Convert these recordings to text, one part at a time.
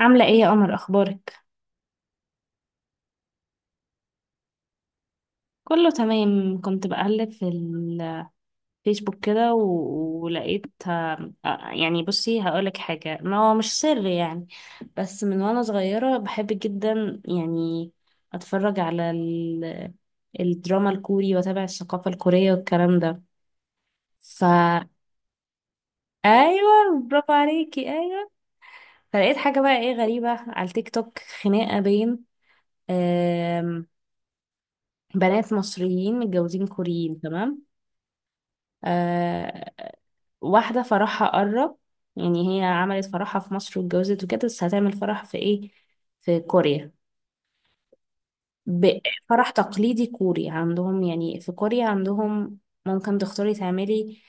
عاملة ايه يا قمر؟ اخبارك؟ كله تمام. كنت بقلب في الفيسبوك كده ولقيت. يعني بصي، هقولك حاجة، ما هو مش سر يعني. بس من وانا صغيرة بحب جدا يعني اتفرج على الدراما الكوري، واتابع الثقافة الكورية والكلام ده. ف ايوه، برافو عليكي، ايوه. فلقيت حاجة بقى، ايه، غريبة على التيك توك، خناقة بين آم، بنات مصريين متجوزين كوريين. تمام. آه، واحدة فرحها قرب، يعني هي عملت فرحها في مصر واتجوزت وكده، بس هتعمل فرح في ايه، في كوريا. ب- فرح تقليدي كوري عندهم. يعني في كوريا عندهم ممكن تختاري تعملي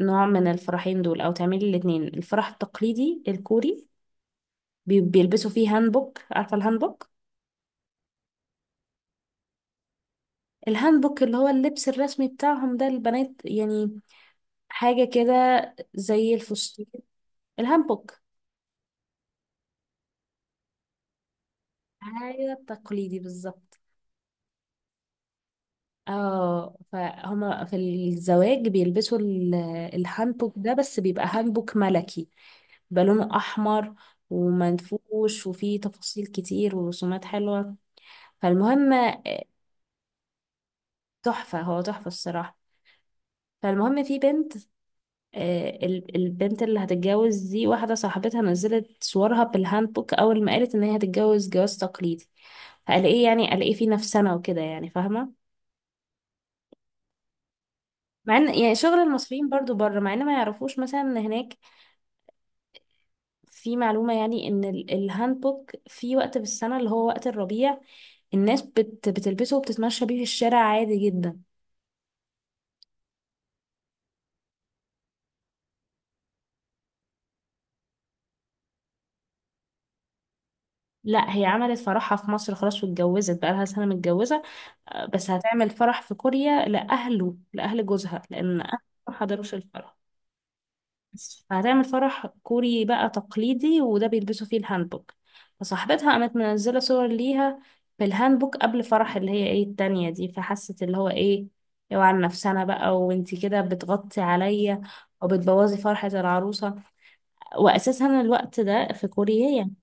نوع من الفرحين دول، او تعملي الاتنين. الفرح التقليدي الكوري بيلبسوا فيه هانبوك. عارفة الهانبوك؟ الهانبوك اللي هو اللبس الرسمي بتاعهم ده، البنات يعني، حاجة كده زي الفسطيل، الهانبوك. حاجة تقليدي بالظبط. اه، فهما في الزواج بيلبسوا الهانبوك ده، بس بيبقى هانبوك ملكي، بيبقى لونه احمر ومنفوش وفيه تفاصيل كتير ورسومات حلوه. فالمهم، تحفه، هو تحفه الصراحه. فالمهم، في بنت، البنت اللي هتتجوز دي، واحده صاحبتها نزلت صورها بالهانبوك اول ما قالت ان هي هتتجوز جواز تقليدي. فقال ايه يعني، قال ايه في نفسنا وكده يعني، فاهمه. مع ان يعني شغل المصريين برضو بره، مع ان ما يعرفوش مثلا ان هناك في معلومة، يعني ان الهانبوك في وقت في السنة، اللي هو وقت الربيع، الناس بتلبسه وبتتمشى بيه في الشارع عادي جدا. لا، هي عملت فرحها في مصر خلاص، واتجوزت بقى لها سنة متجوزة. بس هتعمل فرح في كوريا لأهله، لأهل جوزها، لأن أهله ما حضروش الفرح. هتعمل فرح كوري بقى تقليدي، وده بيلبسوا فيه الهانبوك. فصاحبتها قامت منزلة صور ليها بالهانبوك قبل فرح اللي هي ايه التانية دي. فحست اللي هو ايه، اوعى على نفسنا بقى، وانتي كده بتغطي عليا وبتبوظي فرحة العروسة. واساسا الوقت ده في كوريا يعني،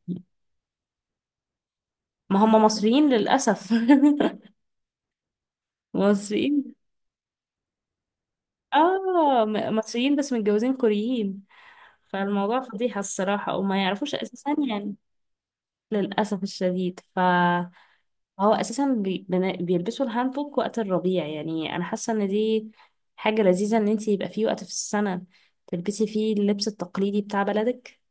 ما هم مصريين للأسف. مصريين. اه، مصريين بس متجوزين كوريين. فالموضوع فضيحة الصراحة، وما يعرفوش اساسا يعني. للأسف الشديد. هو اساسا بيلبسوا الهانبوك وقت الربيع، يعني انا حاسه ان دي حاجه لذيذه، ان انتي يبقى في وقت في السنه تلبسي فيه اللبس التقليدي بتاع بلدك.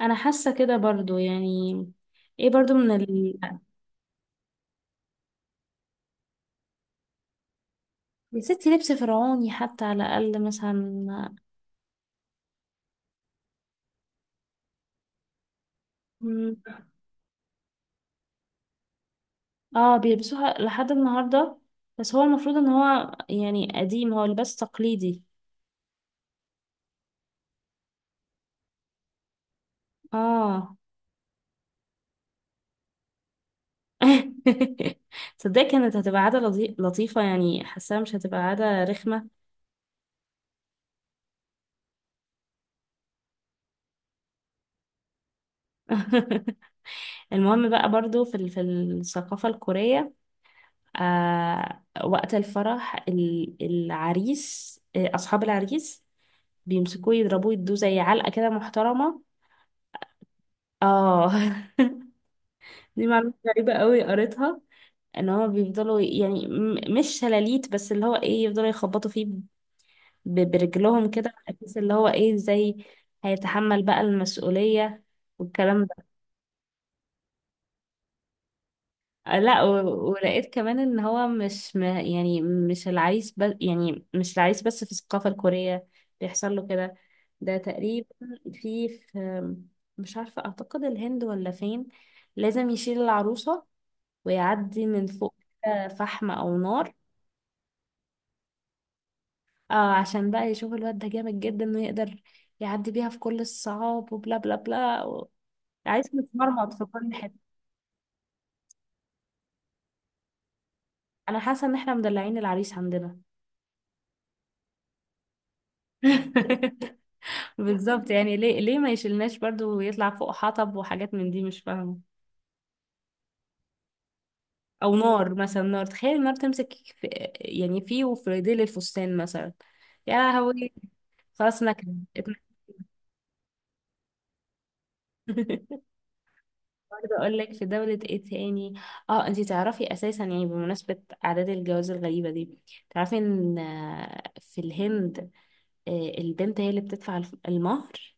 انا حاسه كده برضو يعني. ايه برضو من يا ستي لبس فرعوني حتى على الاقل مثلا. مم. اه بيلبسوها لحد النهارده، بس هو المفروض ان هو يعني قديم، هو لباس تقليدي. اه. تصدقي كانت هتبقى عادة لطيفة يعني، حاساها مش هتبقى عادة رخمة. المهم بقى، برضو في في الثقافة الكورية، آه، وقت الفرح العريس، آه، أصحاب العريس بيمسكوه يضربوه يدوه زي علقة كده محترمة. اه. دي معلومة غريبة قوي قريتها، ان هو بيفضلوا يعني، مش شلاليت بس، اللي هو ايه، يفضلوا يخبطوا فيه برجلهم كده، بحيث اللي هو ايه، ازاي هيتحمل بقى المسؤولية والكلام. لا، ولقيت كمان ان هو مش يعني مش العريس بس، يعني مش العريس بس في الثقافة الكورية بيحصل له كده. ده تقريبا في مش عارفة، اعتقد الهند ولا فين، لازم يشيل العروسة ويعدي من فوق كده فحم او نار. آه، عشان بقى يشوف الواد ده جامد جدا، انه يقدر يعدي بيها في كل الصعاب وبلا بلا بلا عايز متمرمط في كل حتة. انا حاسة ان احنا مدلعين العريس عندنا. بالظبط، يعني ليه، ليه ما يشيلناش برضو ويطلع فوق حطب وحاجات من دي، مش فاهمة. او نار مثلا، نار، تخيل النار تمسك في، يعني فيه، وفي ديل الفستان مثلا، يا هوي، خلاص نكد. برضه اقول لك في دولة ايه تاني، اه انتي تعرفي اساسا يعني، بمناسبة اعداد الجواز الغريبة دي، تعرفي ان في الهند، آه، البنت هي اللي بتدفع المهر.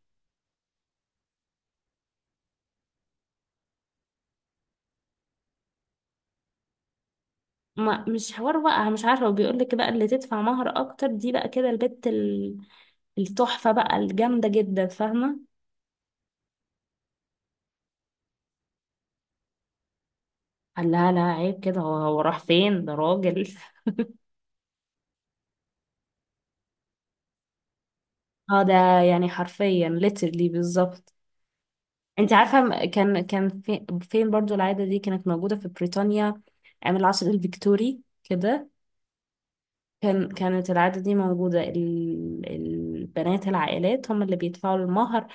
ما مش حوار بقى، مش عارفة. وبيقول لك بقى اللي تدفع مهر أكتر دي بقى كده البت التحفة بقى الجامدة جدا، فاهمة. قال لها لا، عيب كده، هو راح فين ده، راجل. اه، ده يعني حرفيا literally بالظبط. انت عارفة، كان في فين برضو، العادة دي كانت موجودة في بريطانيا أيام العصر الفيكتوري كده. كانت العادة دي موجودة، البنات العائلات هم اللي بيدفعوا المهر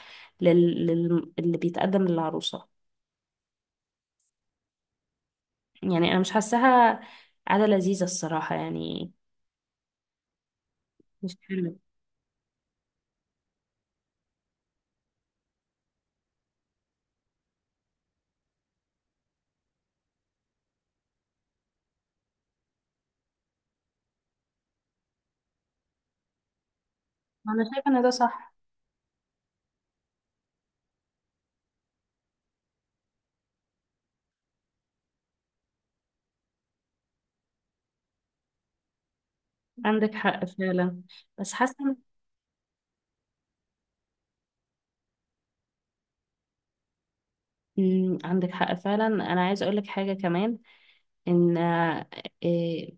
اللي بيتقدم للعروسة. يعني انا مش حاساها عادة لذيذة الصراحة يعني، مش حلو. انا شايفة ان ده صح. عندك حق فعلا، بس حاسة إن. مم، عندك حق فعلا. انا عايزة اقولك حاجة كمان، ان آه، إيه،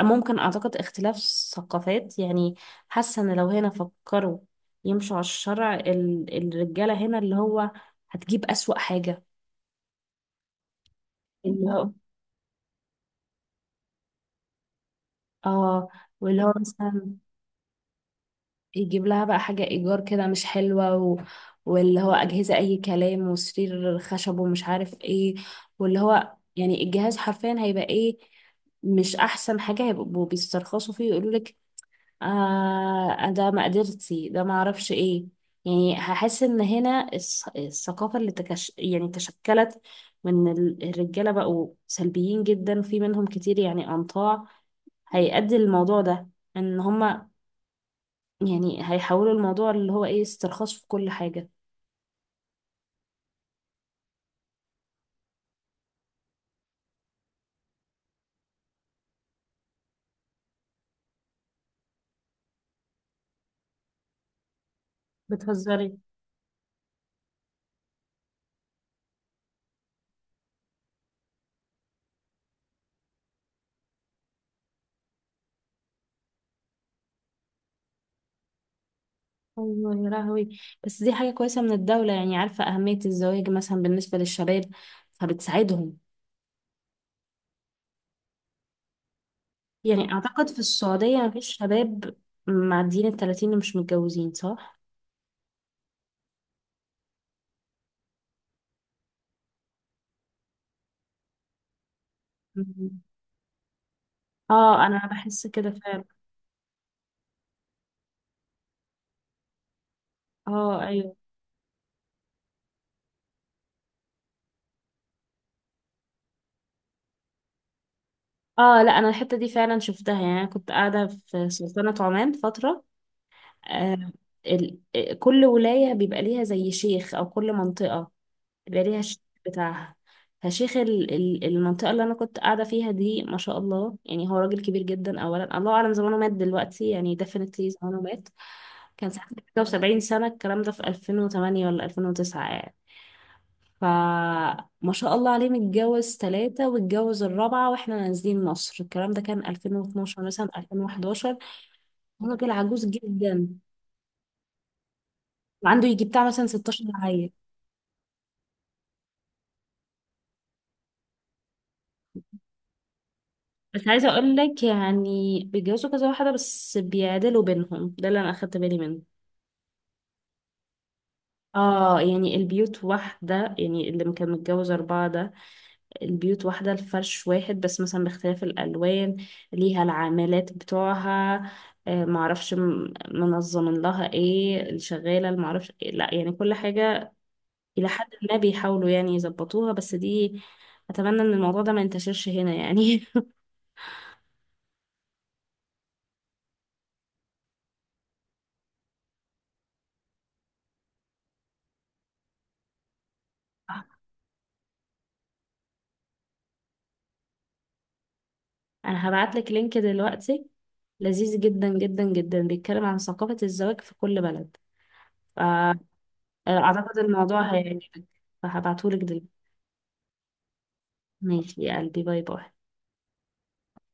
ممكن اعتقد اختلاف ثقافات يعني. حاسة ان لو هنا فكروا يمشوا على الشرع، الرجالة هنا اللي هو هتجيب اسوأ حاجة، اللي هو اه، واللي هو مثلا يجيب لها بقى حاجة إيجار كده مش حلوة واللي هو أجهزة أي كلام وسرير خشب ومش عارف إيه، واللي هو يعني الجهاز حرفيا هيبقى إيه، مش أحسن حاجة. هيبقوا بيسترخصوا فيه ويقولوا لك ده مقدرتي، ده معرفش إيه. يعني هحس إن هنا الثقافة اللي يعني تشكلت من الرجالة بقوا سلبيين جدا، وفي منهم كتير يعني أنطاع، هيؤدي الموضوع ده ان هما يعني هيحولوا الموضوع اللي هو ايه استرخاص في كل حاجة. بتهزري؟ ايوه يا لهوي. بس دي حاجة كويسة من الدولة، يعني عارفة أهمية الزواج مثلا بالنسبة للشباب فبتساعدهم. يعني أعتقد في السعودية مفيش شباب معديين التلاتين اللي مش متجوزين، صح؟ مم. اه، أنا بحس كده فعلا. اه أيوه. اه لا، أنا الحتة دي فعلا شفتها. يعني أنا كنت قاعدة في سلطنة عمان فترة. آه. كل ولاية بيبقى ليها زي شيخ، أو كل منطقة يبقى ليها الشيخ بتاعها. فشيخ المنطقة اللي أنا كنت قاعدة فيها دي، ما شاء الله يعني، هو راجل كبير جدا. أولا الله أعلم زمانه مات دلوقتي يعني، definitely زمانه مات. ساعتها حاجة وسبعين سنة، الكلام ده في 2008 ولا 2009 يعني. فما شاء الله عليه، متجوز ثلاثة واتجوز الرابعة واحنا نازلين مصر. الكلام ده كان 2012 مثلا، 2011. هو راجل عجوز جدا، وعنده يجي بتاع مثلا 16 عيل. بس عايزة اقول لك يعني، بيتجوزوا كذا واحدة بس بيعدلوا بينهم، ده اللي انا اخدت بالي منه. اه، يعني البيوت واحدة. يعني اللي كان متجوز أربعة ده، البيوت واحدة، الفرش واحد بس مثلا باختلاف الألوان، ليها العاملات بتوعها، آه معرفش منظمين لها ايه، الشغالة، المعرفش إيه. لا يعني كل حاجة إلى حد ما بيحاولوا يعني يظبطوها، بس دي، أتمنى إن الموضوع ده ما ينتشرش هنا يعني. انا هبعت لك لينك دلوقتي لذيذ جدا جدا جدا، بيتكلم عن ثقافة الزواج في كل بلد، فأعتقد الموضوع هيعجبك. فهبعته لك دلوقتي. ماشي يا قلبي، باي باي.